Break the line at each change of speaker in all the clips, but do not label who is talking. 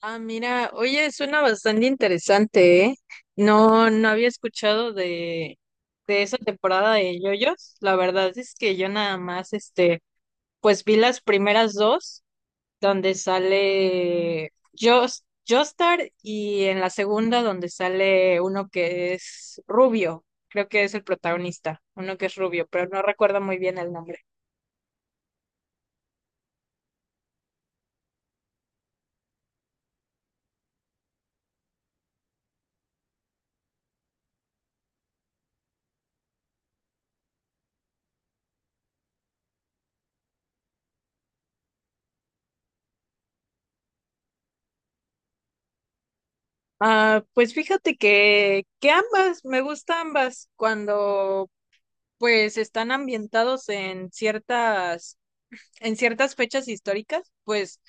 Ah, mira, oye, suena bastante interesante, ¿eh? No había escuchado de esa temporada de JoJo's. La verdad es que yo nada más, pues vi las primeras dos, donde sale Joestar, y en la segunda donde sale uno que es rubio. Creo que es el protagonista, uno que es rubio, pero no recuerdo muy bien el nombre. Ah, pues fíjate que ambas, me gustan ambas. Cuando pues están ambientados en en ciertas fechas históricas, pues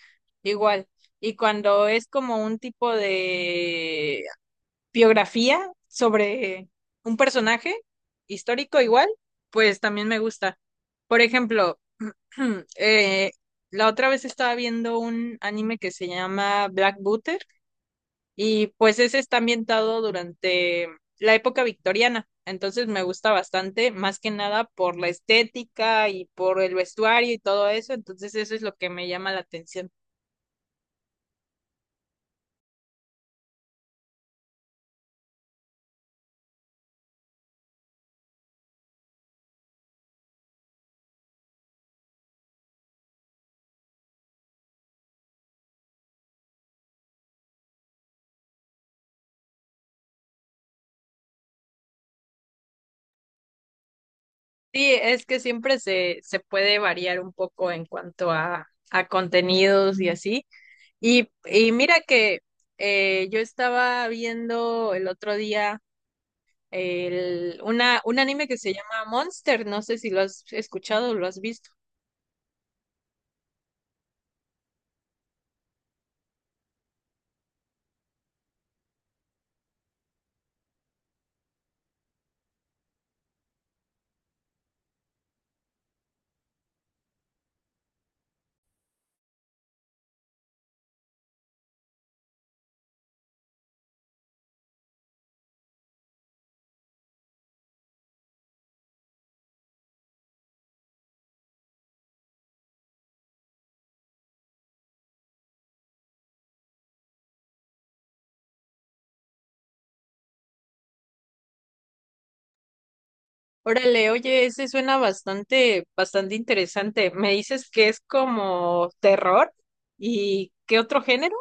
igual. Y cuando es como un tipo de biografía sobre un personaje histórico igual, pues también me gusta. Por ejemplo, eh, la otra vez estaba viendo un anime que se llama Black Butter y pues ese está ambientado durante la época victoriana, entonces me gusta bastante, más que nada por la estética y por el vestuario y todo eso, entonces eso es lo que me llama la atención. Sí, es que siempre se puede variar un poco en cuanto a contenidos y así. Y mira que yo estaba viendo el otro día un anime que se llama Monster, no sé si lo has escuchado o lo has visto. Órale, oye, ese suena bastante interesante. Me dices que es como terror y ¿qué otro género?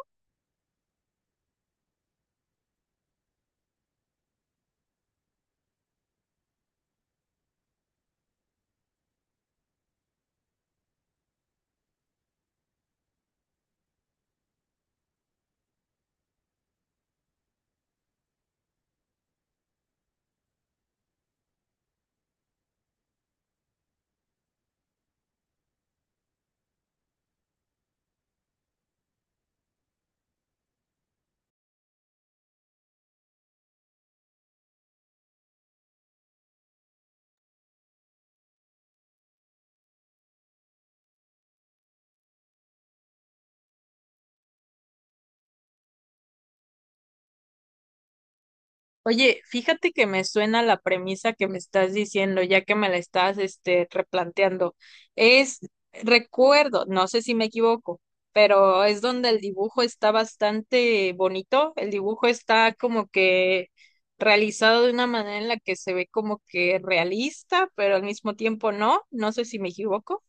Oye, fíjate que me suena la premisa que me estás diciendo, ya que me la estás, replanteando. Es, recuerdo, no sé si me equivoco, pero es donde el dibujo está bastante bonito. El dibujo está como que realizado de una manera en la que se ve como que realista, pero al mismo tiempo no. No sé si me equivoco.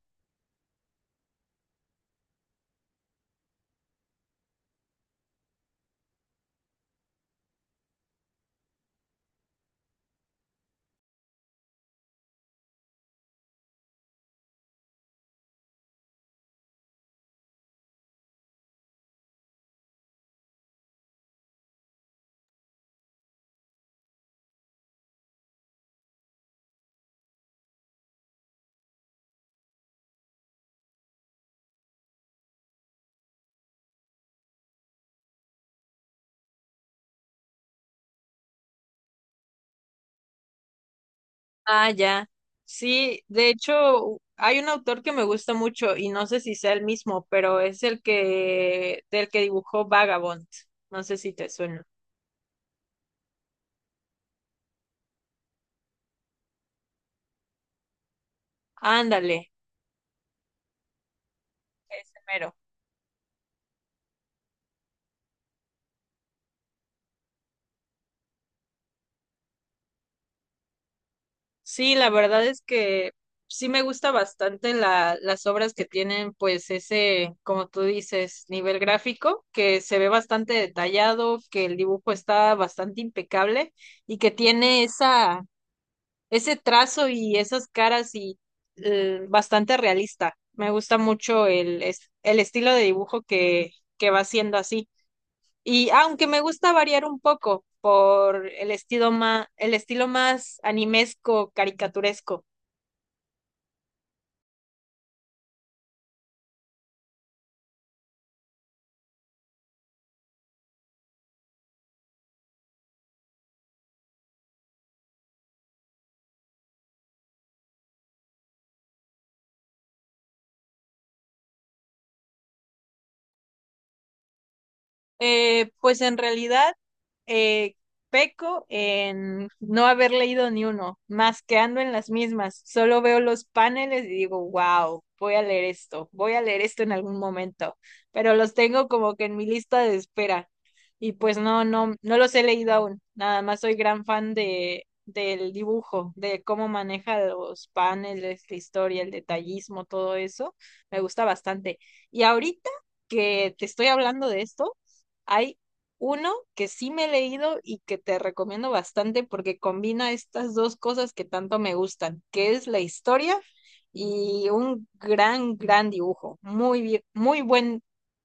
Ah, ya. Sí, de hecho, hay un autor que me gusta mucho y no sé si sea el mismo, pero es el que del que dibujó Vagabond. No sé si te suena. Ándale, ese mero. Sí, la verdad es que sí me gusta bastante las obras que tienen, pues, ese, como tú dices, nivel gráfico, que se ve bastante detallado, que el dibujo está bastante impecable y que tiene esa ese trazo y esas caras y bastante realista. Me gusta mucho el estilo de dibujo que va haciendo así. Y aunque me gusta variar un poco por el estilo más animesco, caricaturesco. Pues en realidad eh, peco en no haber leído ni uno, más que ando en las mismas. Solo veo los paneles y digo, wow, voy a leer esto, voy a leer esto en algún momento, pero los tengo como que en mi lista de espera. Y pues no los he leído aún. Nada más soy gran fan del dibujo, de cómo maneja los paneles, la historia, el detallismo, todo eso. Me gusta bastante. Y ahorita que te estoy hablando de esto, hay uno que sí me he leído y que te recomiendo bastante porque combina estas dos cosas que tanto me gustan, que es la historia y un gran dibujo. Muy bien,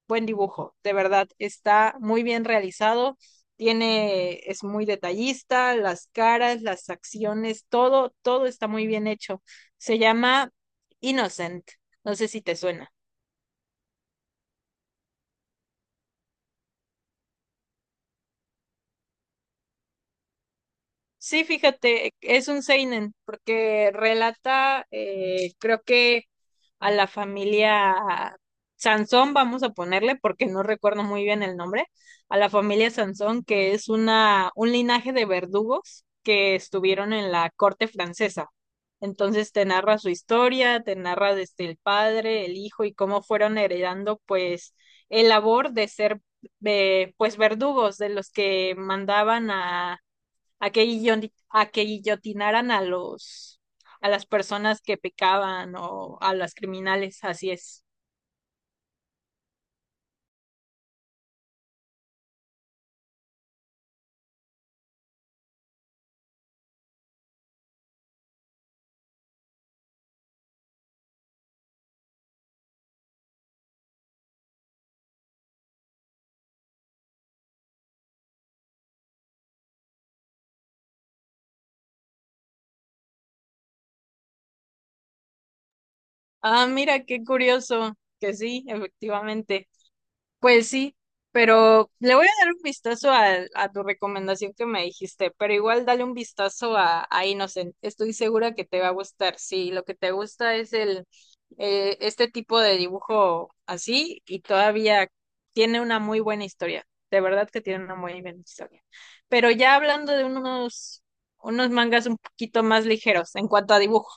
buen dibujo, de verdad. Está muy bien realizado, tiene, es muy detallista, las caras, las acciones, todo, todo está muy bien hecho. Se llama Innocent. No sé si te suena. Sí, fíjate, es un seinen, porque relata, creo que a la familia Sansón, vamos a ponerle, porque no recuerdo muy bien el nombre, a la familia Sansón, que es un linaje de verdugos que estuvieron en la corte francesa. Entonces te narra su historia, te narra desde el padre, el hijo y cómo fueron heredando pues el labor de ser pues verdugos de los que mandaban a que, a que guillotinaran a a las personas que pecaban o a las criminales, así es. Ah, mira, qué curioso, que sí, efectivamente. Pues sí, pero le voy a dar un vistazo a tu recomendación que me dijiste, pero igual dale un vistazo a Innocent. Estoy segura que te va a gustar. Si lo que te gusta es el este tipo de dibujo así y todavía tiene una muy buena historia. De verdad que tiene una muy buena historia. Pero ya hablando de unos mangas un poquito más ligeros en cuanto a dibujo,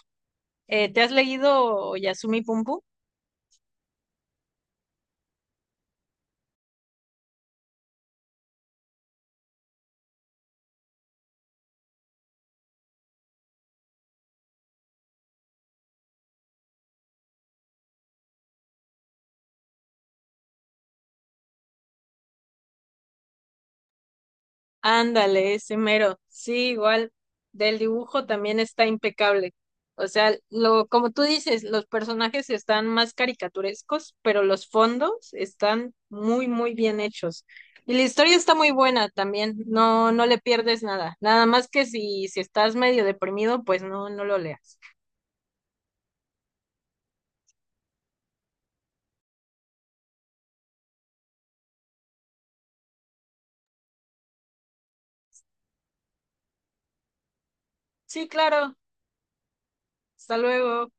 ¿te has leído Yasumi Pum Pum? Ándale, ese mero. Sí, igual, del dibujo también está impecable. O sea, lo, como tú dices, los personajes están más caricaturescos, pero los fondos están muy, muy bien hechos. Y la historia está muy buena también, no, no le pierdes nada. Nada más que si estás medio deprimido, pues no, no lo leas. Sí, claro. Hasta luego.